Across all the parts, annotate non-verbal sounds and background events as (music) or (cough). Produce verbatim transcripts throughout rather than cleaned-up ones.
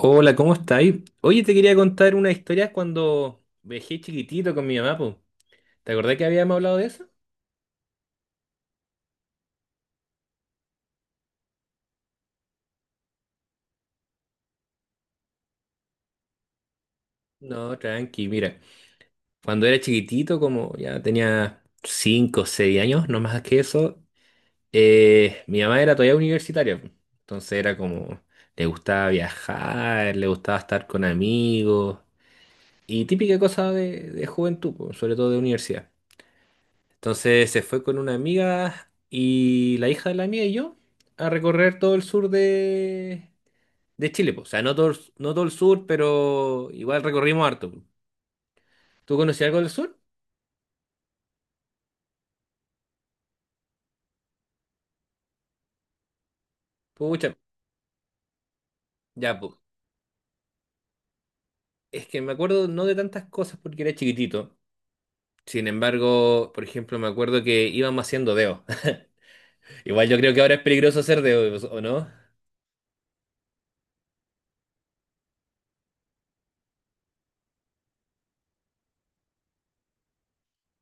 Hola, ¿cómo estáis? Oye, te quería contar una historia cuando viajé chiquitito con mi mamá, po. ¿Te acordás que habíamos hablado de eso? No, tranqui, mira. Cuando era chiquitito, como ya tenía cinco o seis años, no más que eso, eh, mi mamá era todavía universitaria, po. Entonces era como, le gustaba viajar, le gustaba estar con amigos y típica cosa de, de juventud, po, sobre todo de universidad. Entonces se fue con una amiga y la hija de la amiga y yo a recorrer todo el sur de, de Chile, po. O sea, no todo, el- no todo el sur, pero igual recorrimos harto, po. ¿Tú conocías algo del sur? Pucha, ya, pues. Es que me acuerdo no de tantas cosas porque era chiquitito. Sin embargo, por ejemplo, me acuerdo que íbamos haciendo dedo. (laughs) Igual yo creo que ahora es peligroso hacer dedo, ¿o no?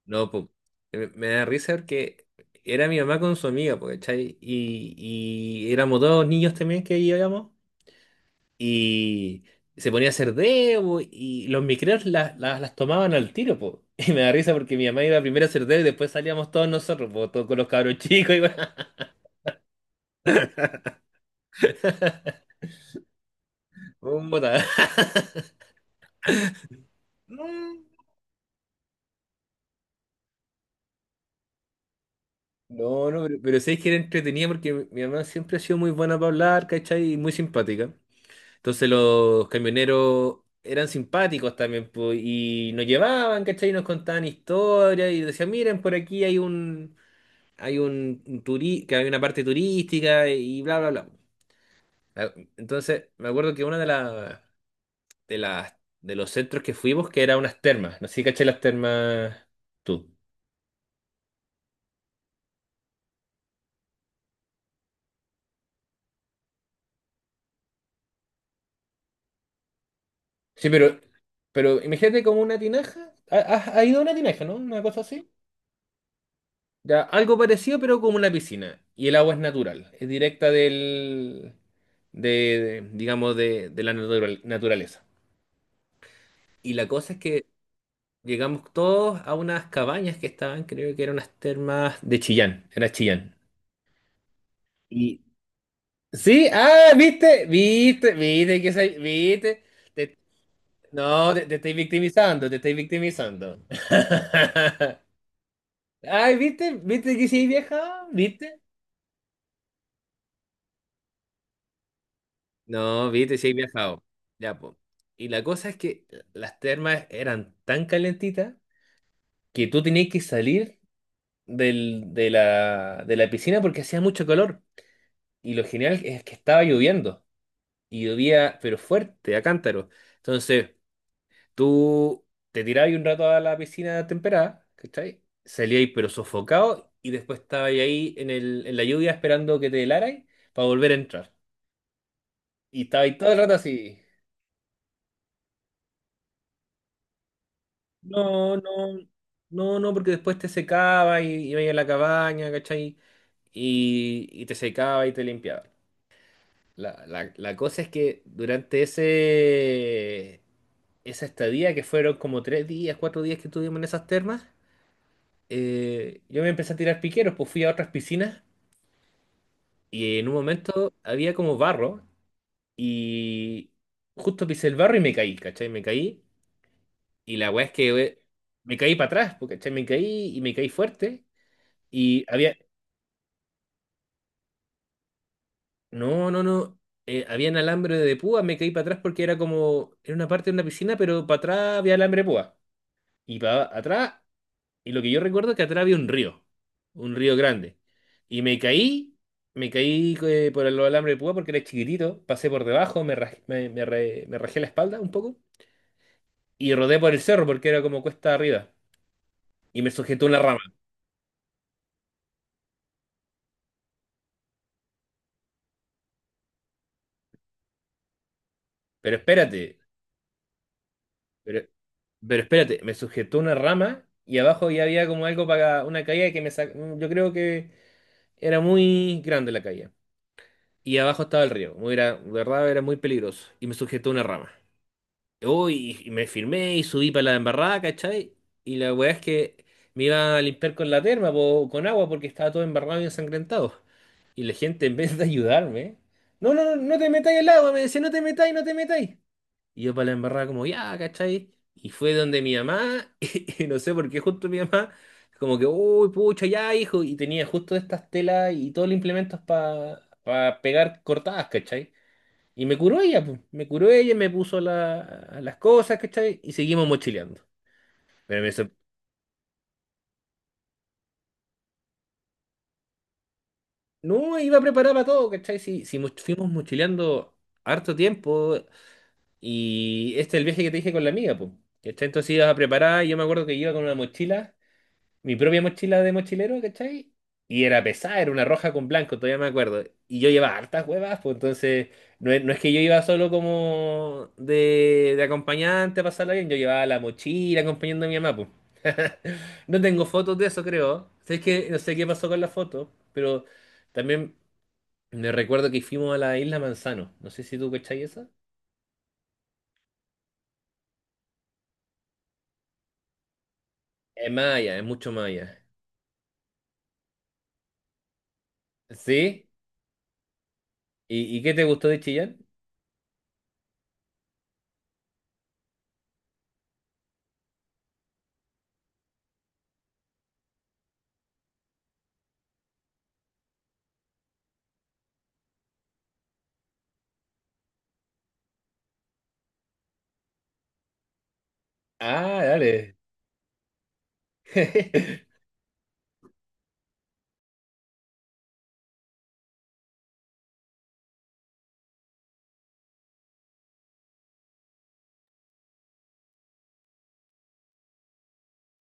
No, pues, me me da risa porque era mi mamá con su amiga, pues, ¿cachai? Y, y éramos dos niños también que íbamos y se ponía a hacer dedo, po, y los micreos la- la- las tomaban al tiro, pues. (laughs) Y me da risa porque mi mamá iba primero a hacer dedo y después salíamos todos nosotros, pues, todos con los cabros chicos y (laughs) un botadero. Mm. (laughs) No, no, pero, pero sí es que era entretenida porque mi, mi mamá siempre ha sido muy buena para hablar, ¿cachai? Y muy simpática. Entonces los camioneros eran simpáticos también, po, y nos llevaban, ¿cachai? Y nos contaban historias y decían, miren, por aquí hay un, hay un, un turi- que hay una parte turística y bla, bla, bla. Ah, entonces, me acuerdo que una de las, de las, de los centros que fuimos, que era unas termas, no sé si cachai las termas tú. Sí, pero, pero imagínate como una tinaja. ¿Ha- ¿has, has ido a una tinaja, no? Una cosa así. Ya, algo parecido, pero como una piscina. Y el agua es natural, es directa del, de, de, digamos, de, de la natural- naturaleza. Y la cosa es que llegamos todos a unas cabañas que estaban, creo que eran unas termas de Chillán, era Chillán. Y sí, ah, viste, viste, viste que soy- viste. Te- no, te, te estoy victimizando, te estoy victimizando. (laughs) Ay, viste, viste que sí, vieja, viste. No, viste, si he viajado. Ya, po. Y la cosa es que las termas eran tan calentitas que tú tenías que salir del- de la, de la piscina porque hacía mucho calor. Y lo genial es que estaba lloviendo. Y llovía, pero fuerte, a cántaro. Entonces, tú te tirabas un rato a la piscina temperada, ¿cachai? Salías, pero sofocado. Y después estabas ahí en el, en la lluvia esperando que te helarais para volver a entrar. Y estabas todo el rato así. No, no, no, no, porque después te secaba y iba a la cabaña, ¿cachai? Y, y te secaba y te limpiaba. La, la- la cosa es que durante ese, esa estadía, que fueron como tres días, cuatro días que estuvimos en esas termas, eh, yo me empecé a tirar piqueros, pues fui a otras piscinas y en un momento había como barro y justo pisé el barro y me caí, ¿cachai? Me caí y la weá es que eh, me caí para atrás, pues, ¿cachai? Me caí y me caí fuerte. Y había, no, no, no, eh, habían alambre de púa, me caí para atrás porque era como, era una parte de una piscina, pero para atrás había alambre de púa. Y para atrás, y lo que yo recuerdo es que atrás había un río, un río grande. Y me caí, me caí eh, por el alambre de púa porque era chiquitito, pasé por debajo, me, raj- me, me re- me rajé la espalda un poco y rodé por el cerro porque era como cuesta arriba. Y me sujetó una rama. Pero espérate, Pero, pero espérate, me sujetó una rama y abajo ya había como algo para una caída que me sacó. Yo creo que era muy grande la caída. Y abajo estaba el río. Muy Era, de verdad era muy peligroso. Y me sujetó una rama. Uy, y me firmé y subí para la embarrada, ¿cachai? Y la weá es que me iba a limpiar con la terma, po, con agua, porque estaba todo embarrado y ensangrentado. Y la gente, en vez de ayudarme, no, no, no, no te metáis al agua, me decía, no te metáis, no te metáis. Y yo para la embarrada como, ya, ¿cachai? Y fue donde mi mamá, (laughs) y no sé por qué justo mi mamá, como que, uy, pucha, ya, hijo, y tenía justo estas telas y todos los implementos para pegar cortadas, ¿cachai? Y me curó ella, pues, me curó ella, me puso la- las cosas, ¿cachai? Y seguimos mochileando. Pero me sor- no, iba a preparar para todo, ¿cachai? Si, si, moch- fuimos mochileando harto tiempo, y este es el viaje que te dije con la amiga, pues. ¿Cachai? Entonces ibas a preparar, y yo me acuerdo que iba con una mochila, mi propia mochila de mochilero, ¿cachai? Y era pesada, era una roja con blanco, todavía me acuerdo. Y yo llevaba hartas huevas, pues entonces no es, no es que yo iba solo como de, de acompañante a pasarla bien, yo llevaba la mochila acompañando a mi mamá, pues. No tengo fotos de eso, creo. Sé que no sé qué pasó con la foto, pero también me recuerdo que fuimos a la isla Manzano. No sé si tú cachai esa. Es más allá, es mucho más allá. ¿Sí? ¿Y, y qué te gustó de Chillán? Ah, dale. (laughs)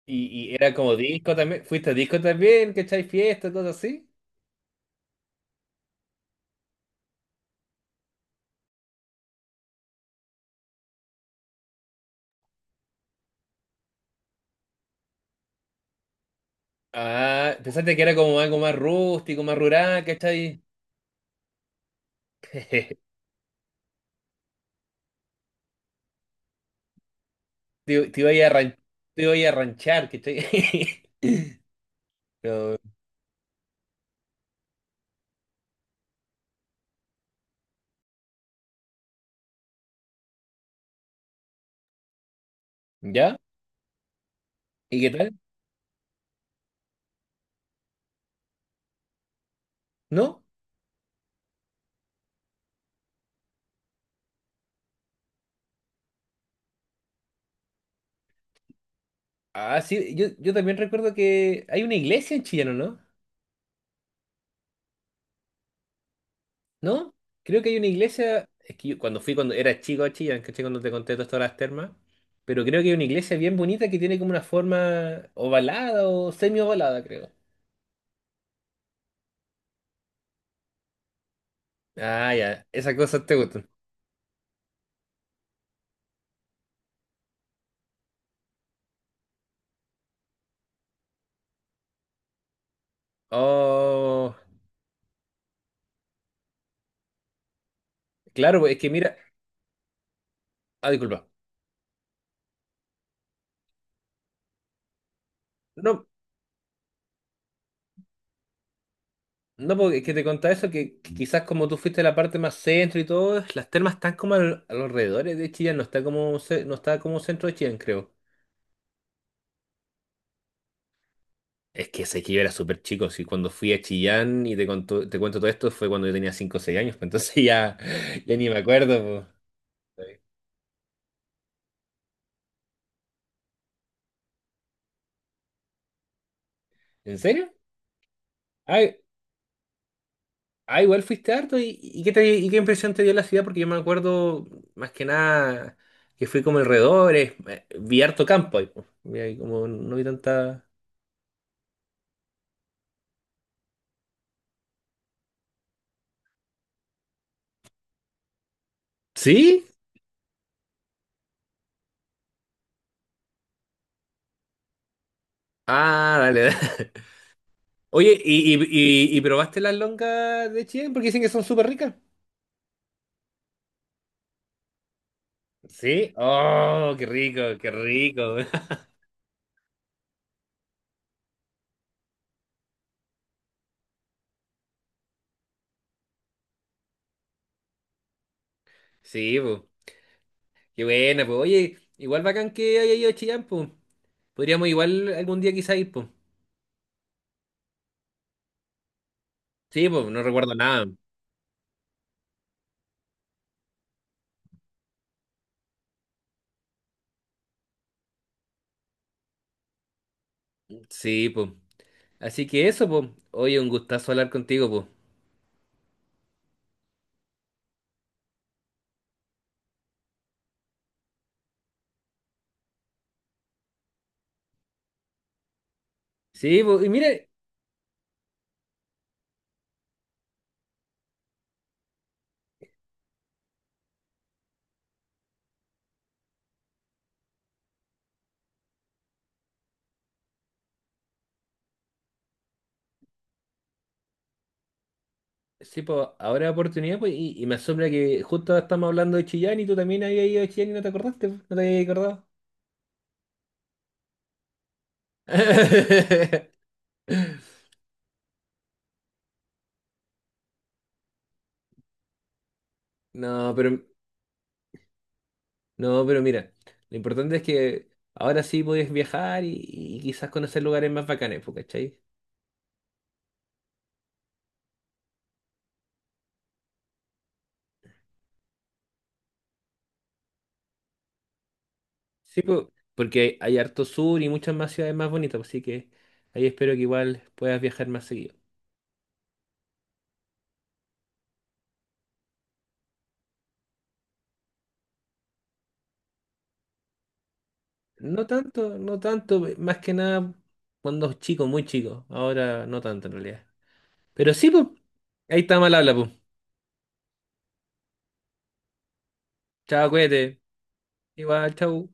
Y, y era como disco también. ¿Fuiste a disco también? ¿Cachai? Fiesta, todo así. Ah, pensaste que era como algo más rústico, más rural, ¿cachai? (laughs) Te, te iba a ir a ran- te iba a ir a ranchar, ¿cachai? (laughs) Pero, ¿ya? ¿Y qué tal? ¿No? Ah, sí, yo, yo también recuerdo que hay una iglesia en Chillán, ¿no? ¿No? Creo que hay una iglesia. Es que yo cuando fui, cuando era chico a Chillán, ¿cachai? Cuando te conté todo esto de las termas. Pero creo que hay una iglesia bien bonita que tiene como una forma ovalada o semi-ovalada, creo. Ah, ya, esas cosas te gustan. Oh, claro, pues, es que mira, ah, disculpa. No, no, porque es que te contaba eso, que, que quizás como tú fuiste a la parte más centro y todo, las termas están como al- a los alrededores de Chillán, no está como, ce- no está como centro de Chillán, creo. Es que sé que yo era súper chico, si cuando fui a Chillán y te conto- te cuento todo esto fue cuando yo tenía cinco o seis años, pues entonces (laughs) ya, ya ni me acuerdo. Pues. ¿En serio? Ah, igual fuiste harto. ¿Y, y qué te- y qué impresión te dio la ciudad? Porque yo me acuerdo, más que nada, que fui como alrededores, eh, vi harto campo ahí, po. Vi ahí como no vi tanta... ¿Sí? Ah, dale, dale. (laughs) Oye, ¿y, y, y- y probaste las longas de Chillán? Porque dicen que son súper ricas. ¿Sí? Oh, qué rico, qué rico. (laughs) Sí, pues. Qué buena, pues. Oye, igual bacán que haya ido a Chillán, pues. Podríamos igual algún día quizá ir, pues. Sí, pues, no recuerdo nada. Sí, pues. Así que eso, pues. Oye, un gustazo hablar contigo, pues. Sí, pues, y mira, sí, pues, ahora oportunidad, pues, y, y me asombra que justo estamos hablando de Chillán y tú también habías ido a Chillán y no te acordaste, po, no te habías acordado. (laughs) No, pero, no, pero mira, lo importante es que ahora sí puedes viajar y, y quizás conocer lugares más bacanes, pues, ¿cachai? Sí, pues, porque hay harto sur y muchas más ciudades más bonitas, pues, así que ahí espero que igual puedas viajar más seguido. No tanto, no tanto, eh, más que nada cuando chico, muy chico. Ahora no tanto en realidad. Pero sí, pues, ahí está mal habla, pues. Chao, cuídate. Igual, chao.